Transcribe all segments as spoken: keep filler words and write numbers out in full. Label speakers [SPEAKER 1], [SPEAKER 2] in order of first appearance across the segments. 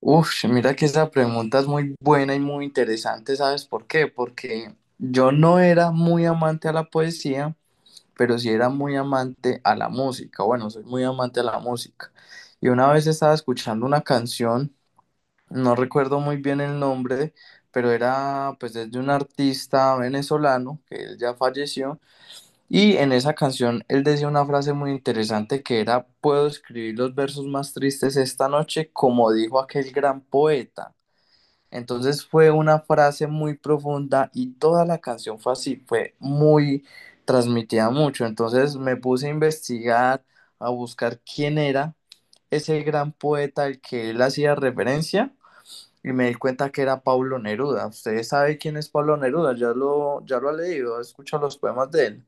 [SPEAKER 1] Uf, mira que esa pregunta es muy buena y muy interesante, ¿sabes por qué? Porque yo no era muy amante a la poesía, pero sí era muy amante a la música. Bueno, soy muy amante a la música. Y una vez estaba escuchando una canción, no recuerdo muy bien el nombre, pero era pues es de un artista venezolano que él ya falleció. Y en esa canción él decía una frase muy interesante que era: puedo escribir los versos más tristes esta noche como dijo aquel gran poeta. Entonces fue una frase muy profunda y toda la canción fue así, fue muy transmitida mucho. Entonces me puse a investigar, a buscar quién era ese gran poeta al que él hacía referencia y me di cuenta que era Pablo Neruda. ¿Ustedes saben quién es Pablo Neruda? Ya lo, ya lo ha leído, ha escuchado los poemas de él.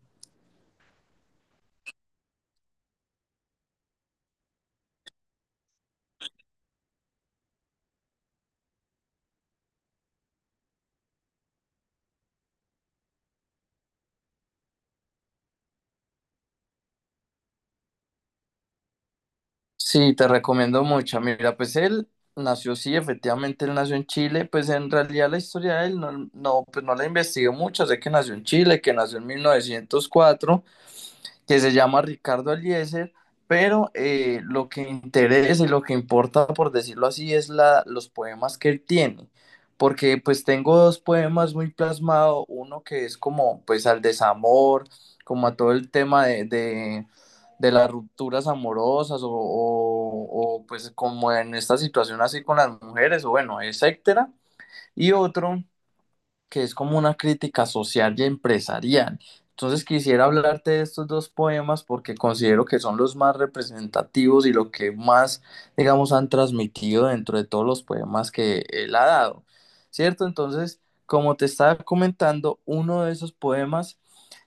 [SPEAKER 1] Sí, te recomiendo mucho. Mira, pues él nació, sí, efectivamente él nació en Chile. Pues en realidad la historia de él no, no, pues no la investigué mucho. Sé que nació en Chile, que nació en mil novecientos cuatro, que se llama Ricardo Aliezer, pero eh, lo que interesa y lo que importa, por decirlo así, es la, los poemas que él tiene, porque pues tengo dos poemas muy plasmados: uno que es como pues al desamor, como a todo el tema de, de, de las rupturas amorosas o, o, o, pues como en esta situación así con las mujeres, o bueno, etcétera, y otro que es como una crítica social y empresarial. Entonces quisiera hablarte de estos dos poemas porque considero que son los más representativos y lo que más, digamos, han transmitido dentro de todos los poemas que él ha dado, ¿cierto? Entonces, como te estaba comentando, uno de esos poemas,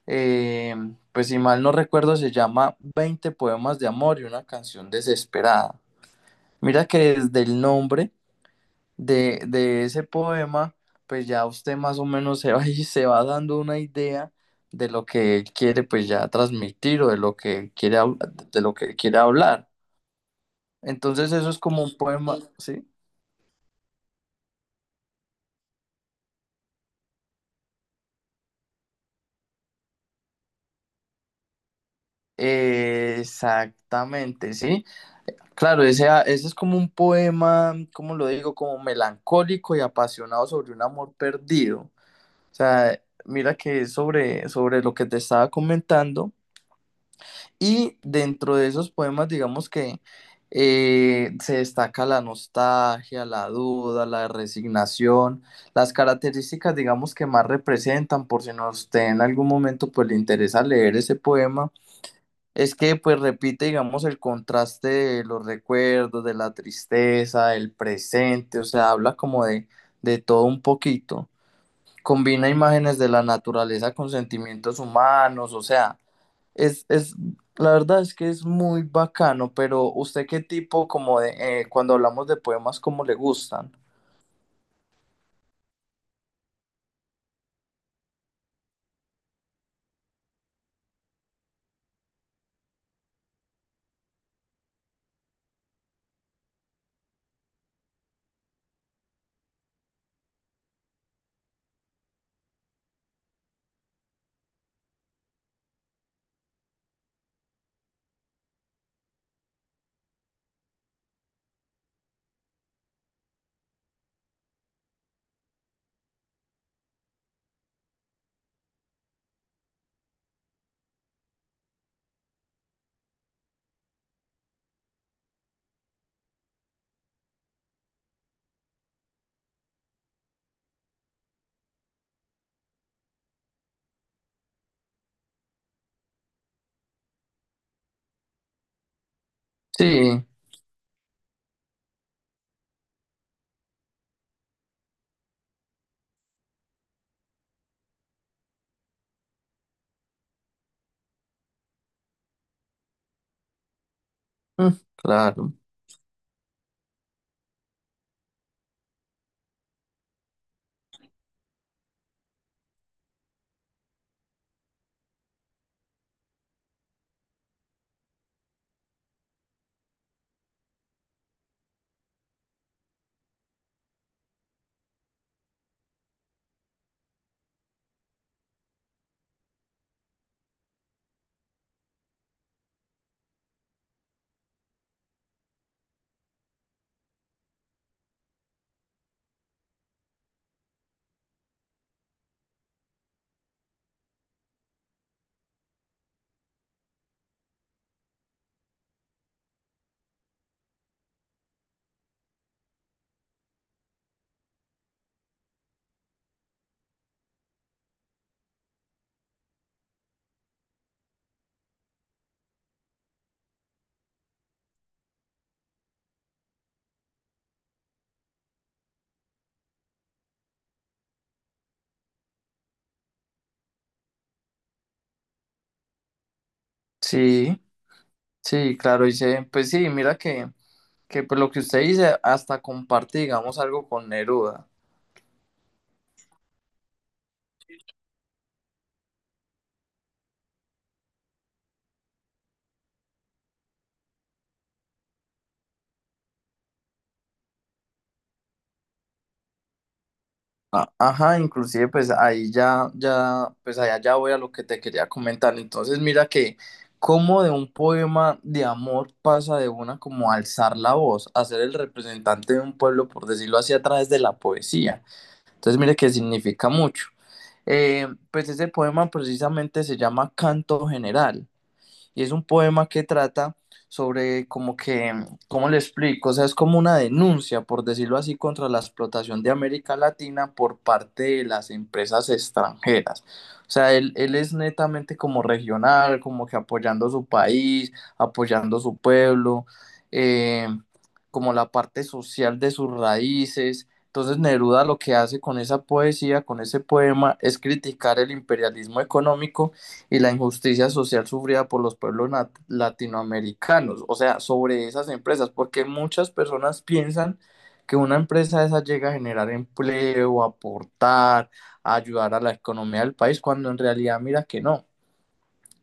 [SPEAKER 1] eh, pues si mal no recuerdo, se llama Veinte poemas de amor y una canción desesperada. Mira que desde el nombre de, de ese poema, pues ya usted más o menos se va y se va dando una idea de lo que él quiere pues ya transmitir o de lo que quiere hab- de lo que quiere hablar. Entonces eso es como un poema, ¿sí? Eh, Exactamente, sí. Claro, ese, ah, ese es como un poema, como lo digo? Como melancólico y apasionado sobre un amor perdido. O sea, mira que es sobre, sobre lo que te estaba comentando. Y dentro de esos poemas, digamos que eh, se destaca la nostalgia, la duda, la resignación, las características, digamos, que más representan, por si no usted en algún momento pues le interesa leer ese poema, es que pues repite, digamos, el contraste de los recuerdos, de la tristeza, el presente, o sea, habla como de, de todo un poquito. Combina imágenes de la naturaleza con sentimientos humanos, o sea, es, es, la verdad es que es muy bacano. Pero ¿usted qué tipo como de, eh, cuando hablamos de poemas, cómo le gustan? Sí, mm, claro, sí, sí, claro, dice, pues sí, mira que, que pues lo que usted dice, hasta comparte, digamos, algo con Neruda. A- ajá, inclusive pues ahí ya, ya, pues allá ya voy a lo que te quería comentar. Entonces mira que como de un poema de amor pasa de una como a alzar la voz, a ser el representante de un pueblo, por decirlo así, a través de la poesía. Entonces mire que significa mucho. Eh, pues ese poema precisamente se llama Canto General y es un poema que trata sobre como que, ¿cómo le explico? O sea, es como una denuncia, por decirlo así, contra la explotación de América Latina por parte de las empresas extranjeras. O sea, él, él es netamente como regional, como que apoyando su país, apoyando su pueblo, eh, como la parte social de sus raíces. Entonces Neruda lo que hace con esa poesía, con ese poema, es criticar el imperialismo económico y la injusticia social sufrida por los pueblos nat- latinoamericanos, o sea, sobre esas empresas, porque muchas personas piensan que una empresa esa llega a generar empleo, a aportar, a ayudar a la economía del país, cuando en realidad mira que no.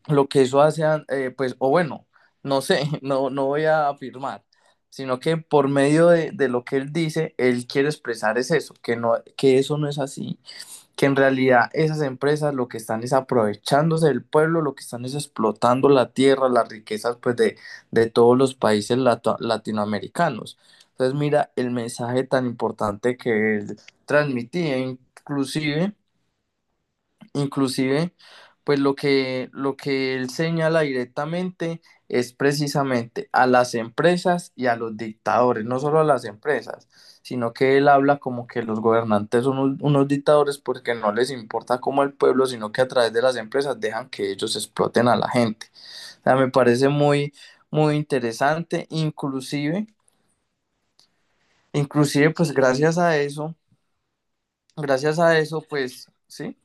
[SPEAKER 1] Lo que eso hace, eh, pues, o bueno, no sé, no, no voy a afirmar, sino que por medio de, de lo que él dice, él quiere expresar es eso, que, no, que eso no es así, que en realidad esas empresas lo que están es aprovechándose del pueblo, lo que están es explotando la tierra, las riquezas pues de, de todos los países lato- latinoamericanos. Entonces mira el mensaje tan importante que él transmitía inclusive inclusive, pues lo que, lo que él señala directamente es precisamente a las empresas y a los dictadores, no solo a las empresas, sino que él habla como que los gobernantes son un- unos dictadores porque no les importa cómo el pueblo, sino que a través de las empresas dejan que ellos exploten a la gente. O sea, me parece muy, muy interesante, inclusive, inclusive pues gracias a eso, gracias a eso, pues, ¿sí?